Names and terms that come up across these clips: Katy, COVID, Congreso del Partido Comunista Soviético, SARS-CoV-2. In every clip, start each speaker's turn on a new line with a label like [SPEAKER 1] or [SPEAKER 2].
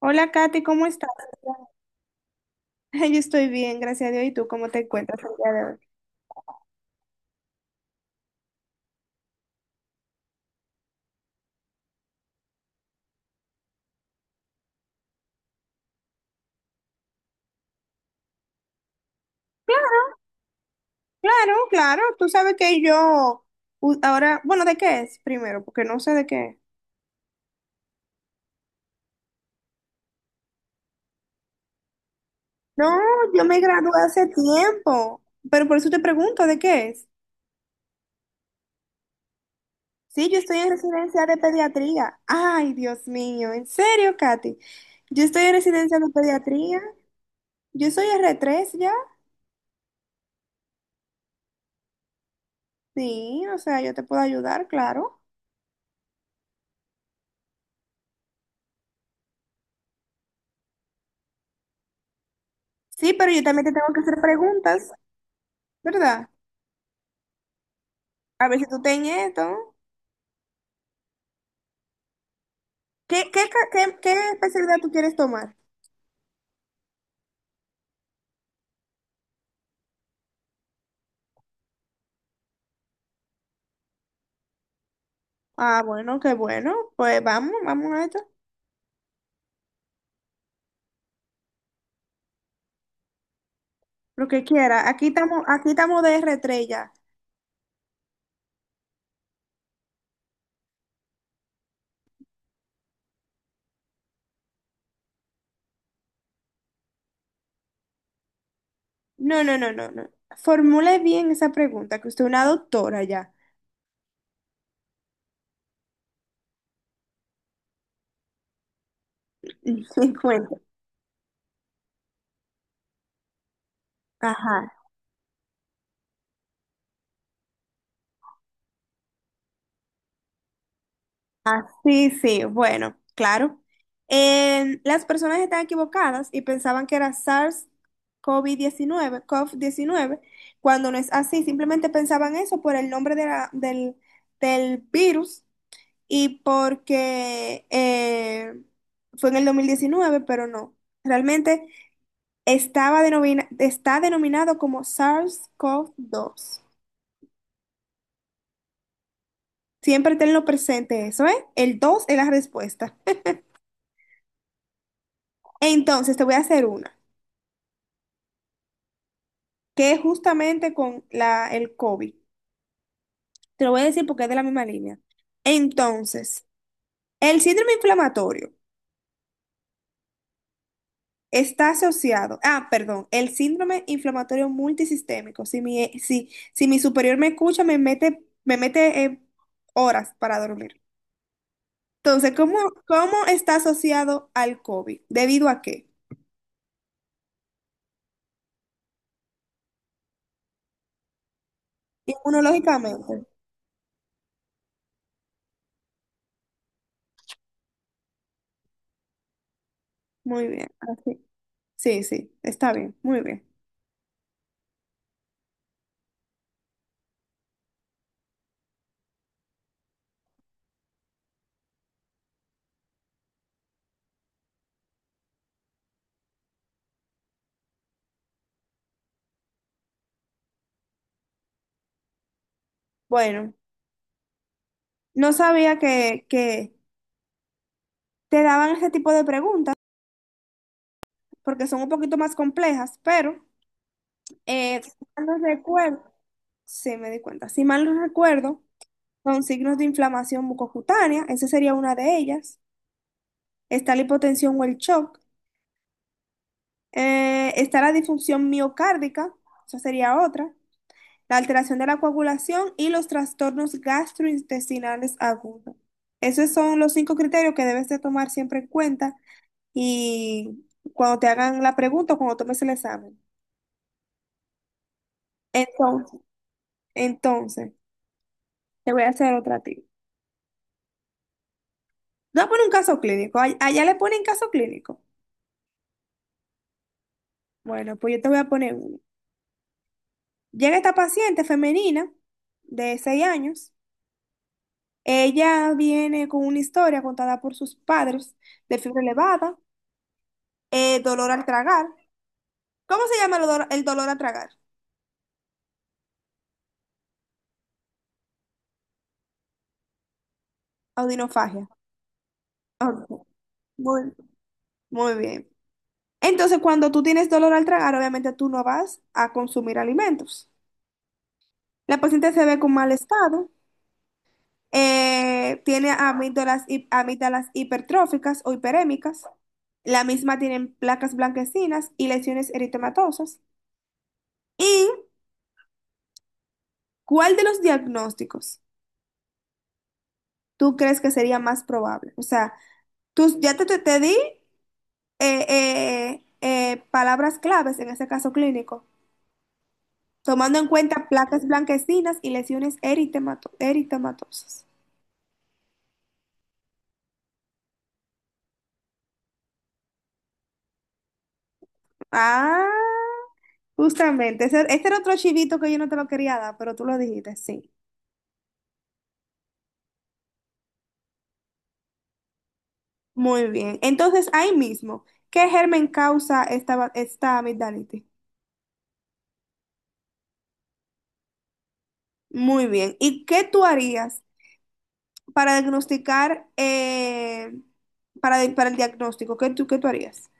[SPEAKER 1] Hola Katy, ¿cómo estás? Yo estoy bien, gracias a Dios. ¿Y tú cómo te encuentras el día de hoy? Claro, claro, claro. Tú sabes que yo ahora, bueno, ¿de qué es primero? Porque no sé de qué es. No, yo me gradué hace tiempo, pero por eso te pregunto, ¿de qué es? Sí, yo estoy en residencia de pediatría. Ay, Dios mío, ¿en serio, Katy? Yo estoy en residencia de pediatría. Yo soy r tres, ya. Sí, o sea, yo te puedo ayudar, claro. Sí, pero yo también te tengo que hacer preguntas, ¿verdad? A ver si tú ten esto. ¿Qué especialidad tú quieres tomar? Ah, bueno, qué bueno. Pues vamos, vamos a esto. Lo que quiera. Aquí estamos de r tres ya. No, no, no, no, no. Formule bien esa pregunta, que usted es una doctora ya. Cuenta. Ajá. Sí, sí, bueno, claro. Las personas están equivocadas y pensaban que era SARS-CoV-19, CoV-19, cuando no es así, simplemente pensaban eso por el nombre de del, del virus y porque fue en el 2019, pero no. Realmente está denominado como SARS-CoV-2. Siempre tenlo presente eso, ¿eh? El 2 es la respuesta. Entonces, te voy a hacer una que es justamente con la, el COVID. Te lo voy a decir porque es de la misma línea. Entonces, el síndrome inflamatorio está asociado, ah, perdón, el síndrome inflamatorio multisistémico. Si mi, si, si mi superior me escucha, me mete horas para dormir. Entonces, ¿cómo está asociado al COVID? ¿Debido a qué? Inmunológicamente. Muy bien, así. Sí, sí, sí, está bien, muy bien. Bueno, no sabía que te daban ese tipo de preguntas porque son un poquito más complejas, pero si mal no recuerdo, sí me di cuenta, si mal no recuerdo, son signos de inflamación mucocutánea, esa sería una de ellas, está la hipotensión o el shock, está la disfunción miocárdica, esa sería otra, la alteración de la coagulación y los trastornos gastrointestinales agudos. Esos son los cinco criterios que debes de tomar siempre en cuenta y cuando te hagan la pregunta o cuando tomes el examen. Entonces, entonces, te voy a hacer otra a ti. Te voy a poner un caso clínico. Allá le ponen caso clínico. Bueno, pues yo te voy a poner uno. Llega esta paciente femenina de 6 años. Ella viene con una historia contada por sus padres de fiebre elevada, dolor al tragar. ¿Cómo se llama el dolor al tragar? Audinofagia. Ok, muy, muy bien. Entonces, cuando tú tienes dolor al tragar, obviamente tú no vas a consumir alimentos. La paciente se ve con mal estado. Tiene amígdalas, amígdalas hipertróficas o hiperémicas. La misma tienen placas blanquecinas y lesiones eritematosas. ¿Y cuál de los diagnósticos tú crees que sería más probable? O sea, tú ya te di palabras claves en ese caso clínico, tomando en cuenta placas blanquecinas y lesiones eritematosas. Ah, justamente. Ese, este era otro chivito que yo no te lo quería dar, pero tú lo dijiste, sí. Muy bien. Entonces, ahí mismo, ¿qué germen causa esta amigdalitis? Muy bien. ¿Y qué tú harías para diagnosticar, para, para el diagnóstico? ¿Qué tú harías?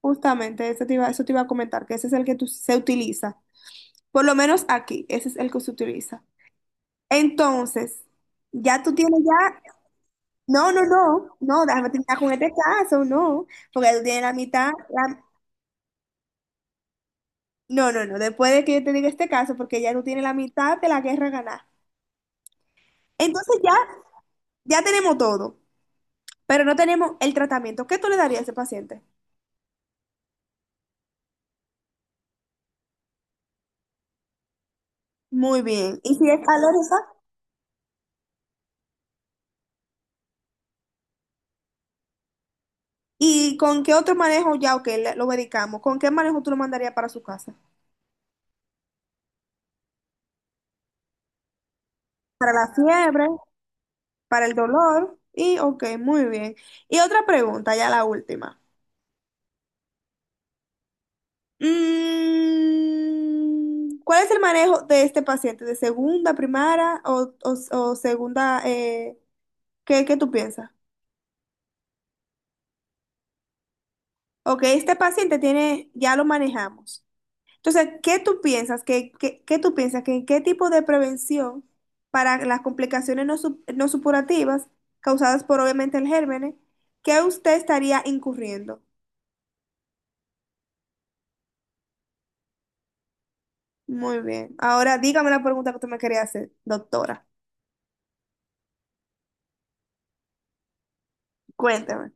[SPEAKER 1] Justamente, eso te iba a comentar, que ese es el que se utiliza. Por lo menos aquí, ese es el que se utiliza. Entonces, ya tú tienes ya... No, no, no, no, déjame terminar con este caso, no, porque tú tienes la mitad. No, no, no, después de que yo te diga este caso, porque ya tú tienes la mitad de la guerra ganada. Entonces ya, ya tenemos todo, pero no tenemos el tratamiento. ¿Qué tú le darías a ese paciente? Muy bien. ¿Y si es alérgica? ¿Y con qué otro manejo ya, ok, lo medicamos? ¿Con qué manejo tú lo mandarías para su casa? Para la fiebre, para el dolor. Y, ok, muy bien. Y otra pregunta, ya la última. Mm, ¿cuál es el manejo de este paciente? ¿De segunda, primaria o, o segunda? ¿Qué, qué tú piensas? Ok, este paciente tiene, ya lo manejamos. Entonces, ¿qué tú piensas? ¿Qué tú piensas? ¿Qué, qué tipo de prevención para las complicaciones no supurativas causadas por obviamente el gérmenes, que usted estaría incurriendo? Muy bien. Ahora dígame la pregunta que usted me quería hacer, doctora. Cuénteme.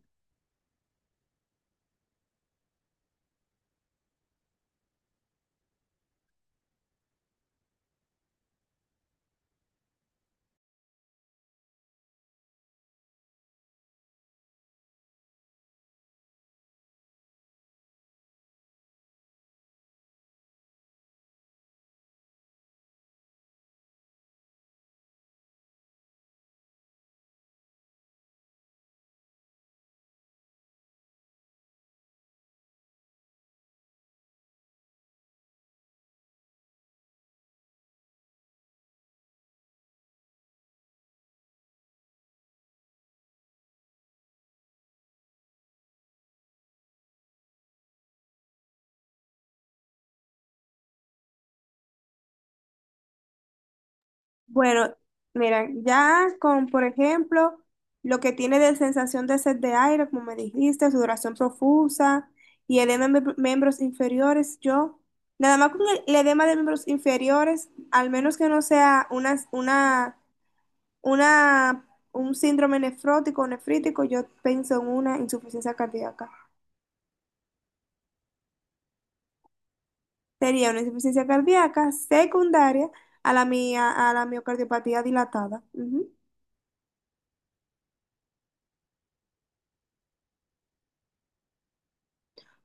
[SPEAKER 1] Bueno, mira, ya con, por ejemplo, lo que tiene de sensación de sed de aire, como me dijiste, sudoración profusa y edema en miembros inferiores, yo, nada más con el edema de miembros inferiores, al menos que no sea una, un síndrome nefrótico o nefrítico, yo pienso en una insuficiencia cardíaca. Sería una insuficiencia cardíaca secundaria a a la miocardiopatía dilatada. Ujú.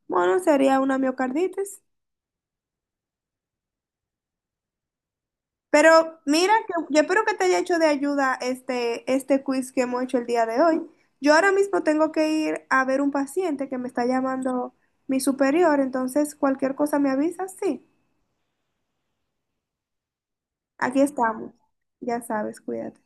[SPEAKER 1] Bueno, sería una miocarditis. Pero mira, que yo espero que te haya hecho de ayuda este, este quiz que hemos hecho el día de hoy. Yo ahora mismo tengo que ir a ver un paciente que me está llamando mi superior, entonces cualquier cosa me avisas, sí. Aquí estamos. Ya sabes, cuídate.